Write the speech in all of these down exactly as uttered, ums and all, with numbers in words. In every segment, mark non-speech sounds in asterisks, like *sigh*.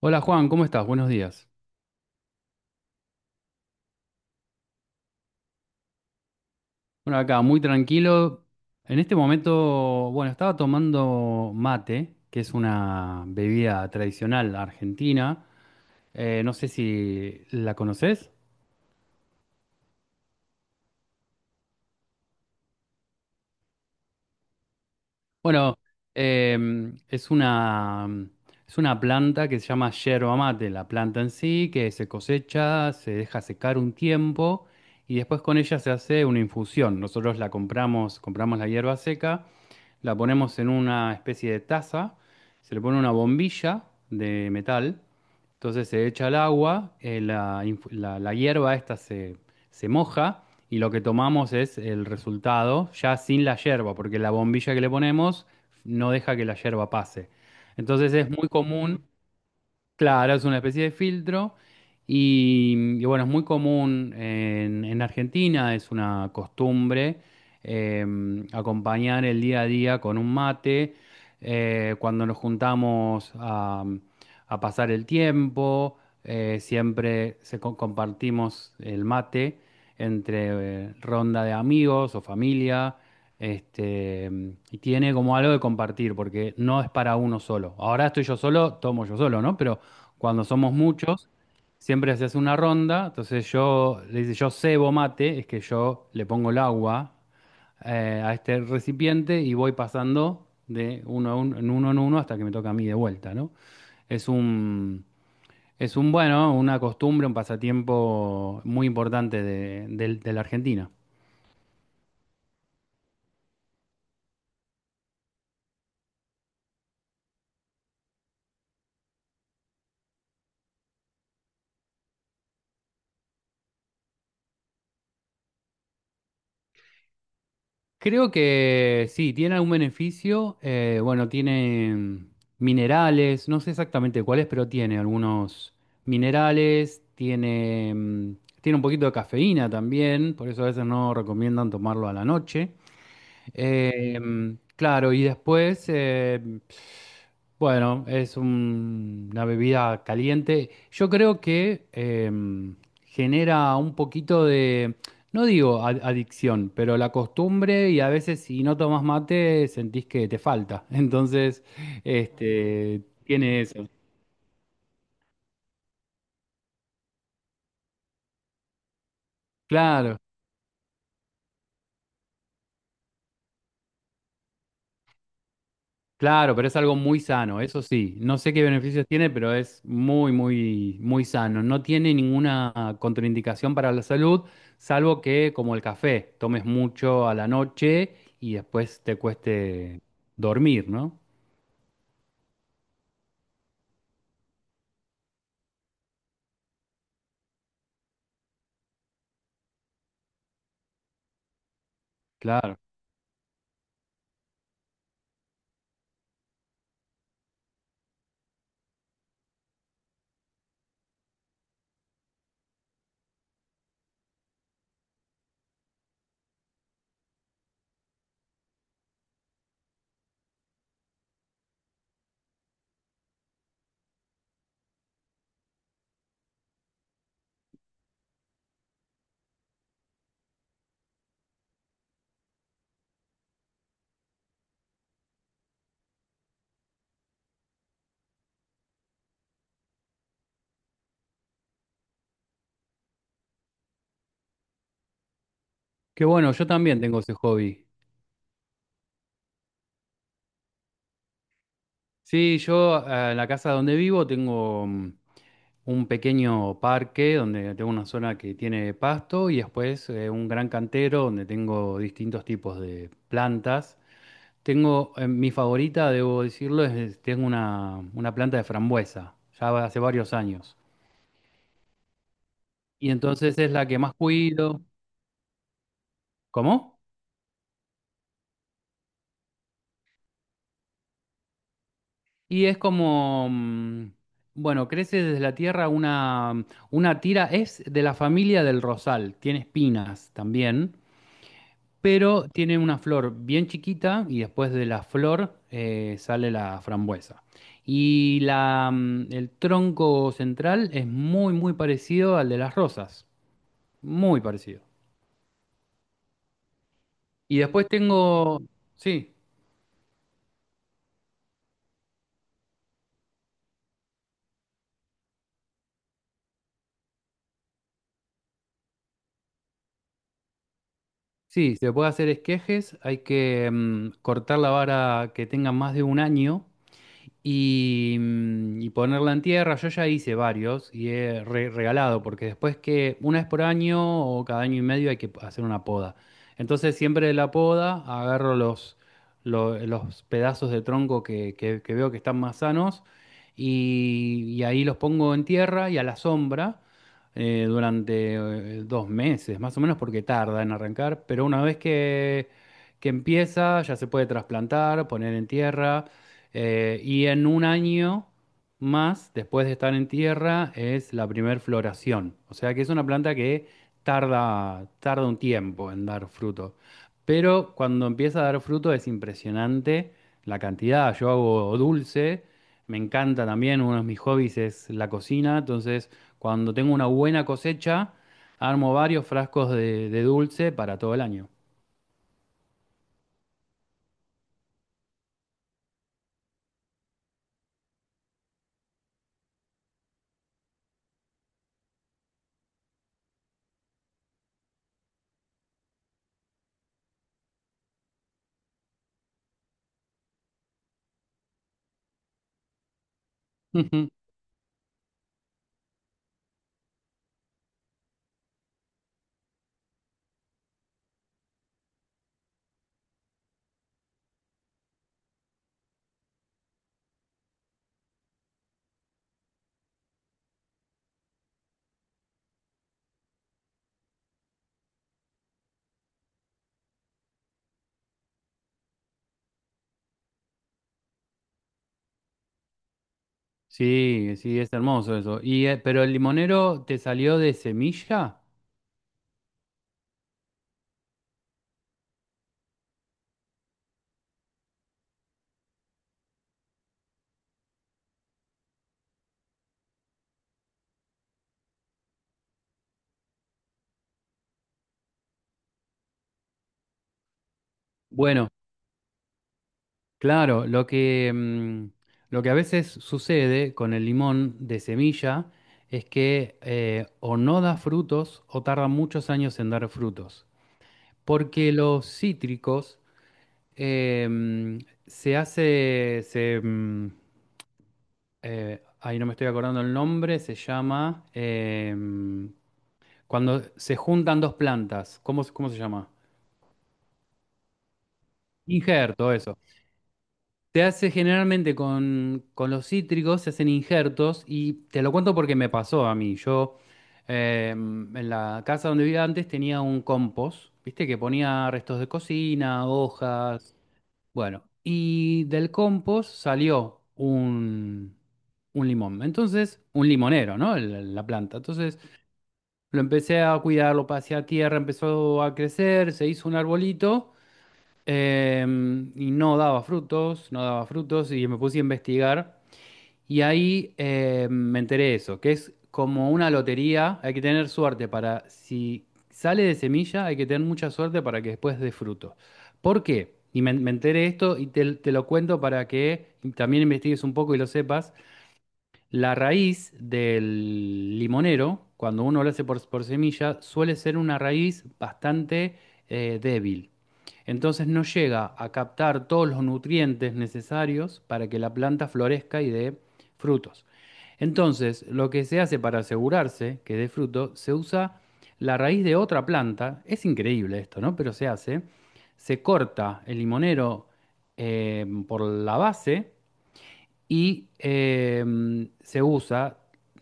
Hola Juan, ¿cómo estás? Buenos días. Bueno, acá muy tranquilo. En este momento, bueno, estaba tomando mate, que es una bebida tradicional argentina. Eh, no sé si la conoces. Bueno, em, es una, es una planta que se llama yerba mate, la planta en sí, que se cosecha, se deja secar un tiempo y después con ella se hace una infusión. Nosotros la compramos, compramos la hierba seca, la ponemos en una especie de taza, se le pone una bombilla de metal, entonces se echa el agua, eh, la, infu- la- la hierba esta se, se moja, y lo que tomamos es el resultado ya sin la yerba, porque la bombilla que le ponemos no deja que la yerba pase. Entonces es muy común. Claro, es una especie de filtro, y, y bueno, es muy común en, en Argentina, es una costumbre, eh, acompañar el día a día con un mate, eh, cuando nos juntamos a, a pasar el tiempo. Eh, siempre se co- compartimos el mate entre eh, ronda de amigos o familia, este, y tiene como algo de compartir, porque no es para uno solo. Ahora estoy yo solo, tomo yo solo, ¿no? Pero cuando somos muchos, siempre se hace una ronda. Entonces yo le dice, yo cebo mate, es que yo le pongo el agua eh, a este recipiente y voy pasando de uno, a uno, en uno en uno hasta que me toca a mí de vuelta, ¿no? Es un, es un bueno, una costumbre, un pasatiempo muy importante de, del- de la Argentina. Creo que sí, tiene algún beneficio. Eh, bueno, tiene minerales, no sé exactamente cuáles, pero tiene algunos minerales, tiene, mm, tiene un poquito de cafeína también, por eso a veces no recomiendan tomarlo a la noche. Eh, claro, y después, eh, bueno, es un- una bebida caliente. Yo creo que eh, genera un poquito de, no digo ad- adicción, pero la costumbre, y a veces si no tomas mate sentís que te falta. *laughs* Entonces, este, tiene eso. Claro. Claro, pero es algo muy sano, eso sí. No sé qué beneficios tiene, pero es muy, muy, muy sano. No tiene ninguna contraindicación para la salud, salvo que, como el café, tomes mucho a la noche y después te cueste dormir, ¿no? Claro. Qué bueno, yo también tengo ese hobby. Sí, yo eh, en la casa donde vivo tengo mm, un pequeño parque donde tengo una zona que tiene pasto y después eh, un gran cantero donde tengo distintos tipos de plantas. Tengo, eh, mi favorita, debo decirlo, es, tengo una, una planta de frambuesa, ya hace varios años. Y entonces es la que más cuido. ¿Cómo? Y es como, mm, bueno, crece desde la tierra una, mm, una tira, es de la familia del rosal, tiene espinas también, pero tiene una flor bien chiquita y después de la flor eh, sale la frambuesa. Y la, mm, el tronco central es muy, muy parecido al de las rosas, muy parecido. Y después tengo, sí. Sí, se puede hacer esquejes, hay que mm, cortar la vara que tenga más de un año y, mm, y ponerla en tierra. Yo ya hice varios y he re- regalado, porque después que una vez por año o cada año y medio hay que hacer una poda. Entonces siempre de la poda agarro los, lo- los pedazos de tronco que, que- que veo que están más sanos, y, y ahí los pongo en tierra y a la sombra. Eh, durante eh, dos meses, más o menos, porque tarda en arrancar, pero una vez que, que empieza, ya se puede trasplantar, poner en tierra, eh, y en un año más, después de estar en tierra, es la primer floración. O sea que es una planta que tarda, tarda un tiempo en dar fruto. Pero cuando empieza a dar fruto es impresionante la cantidad. Yo hago dulce, me encanta también, uno de mis hobbies es la cocina. Entonces, cuando tengo una buena cosecha, armo varios frascos de de dulce para todo el año. *laughs* Sí, sí, es hermoso eso. Y, eh, pero el limonero te salió de semilla. Bueno, claro, lo que, mm, lo que a veces sucede con el limón de semilla es que eh, o no da frutos o tarda muchos años en dar frutos. Porque los cítricos, eh, mm, se hace, se, mm, eh, ahí no me estoy acordando el nombre, se llama, eh, mm, cuando se juntan dos plantas, ¿cómo, se- cómo se llama? Injerto, eso. Se hace generalmente con, con los cítricos, se hacen injertos, y te lo cuento porque me pasó a mí. Yo eh, en la casa donde vivía antes tenía un compost, viste, que ponía restos de cocina, hojas, bueno, y del compost salió un, un limón. Entonces, un limonero, ¿no? El- la planta. Entonces lo empecé a cuidar, lo pasé a tierra, empezó a crecer, se hizo un arbolito. Em, y no daba frutos, no daba frutos, y me puse a investigar. Y ahí eh, me enteré de eso, que es como una lotería, hay que tener suerte para, si sale de semilla, hay que tener mucha suerte para que después dé fruto. ¿Por qué? Y me, me enteré de esto y te, te lo cuento para que también investigues un poco y lo sepas. La raíz del limonero, cuando uno lo hace por, por semilla, suele ser una raíz bastante eh, débil. Entonces no llega a captar todos los nutrientes necesarios para que la planta florezca y dé frutos. Entonces, lo que se hace para asegurarse que dé fruto, se usa la raíz de otra planta. Es increíble esto, ¿no? Pero se hace. Se corta el limonero eh, por la base y em, se usa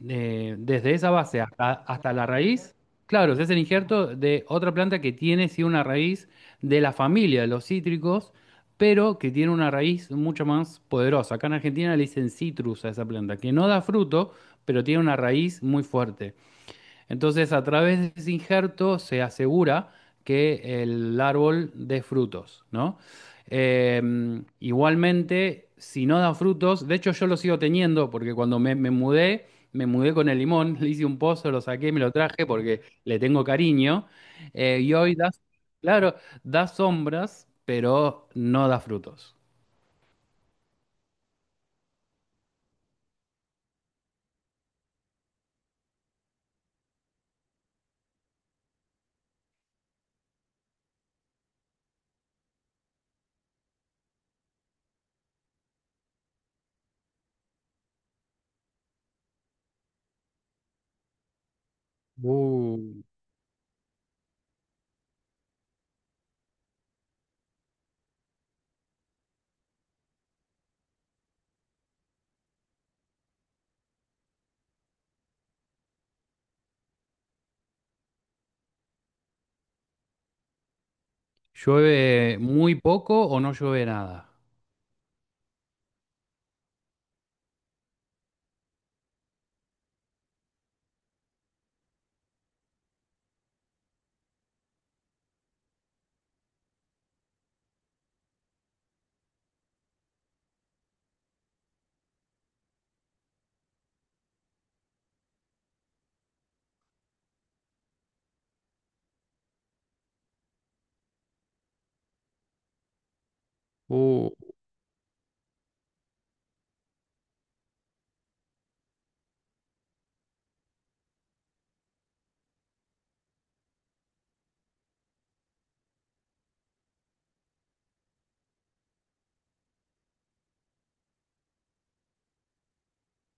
eh, desde esa base hasta, hasta la raíz. Claro, se hace el injerto de otra planta que tiene sí una raíz de la familia de los cítricos, pero que tiene una raíz mucho más poderosa. Acá en Argentina le dicen citrus a esa planta, que no da fruto, pero tiene una raíz muy fuerte. Entonces, a través de ese injerto se asegura que el árbol dé frutos, ¿no? Eh, Igualmente, si no da frutos, de hecho yo lo sigo teniendo porque cuando me, me mudé, me mudé con el limón, *laughs* le hice un pozo, lo saqué, me lo traje porque le tengo cariño. Eh, y hoy da, claro, da sombras, pero no da frutos. Uh, llueve muy poco o no llueve nada. Uh,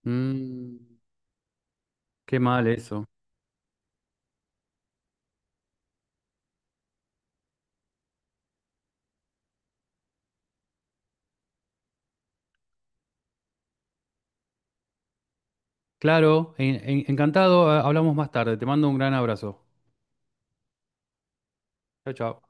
mm, Qué mal eso. Claro, en- en- encantado. Eh, hablamos más tarde. Te mando un gran abrazo. Chao, chao.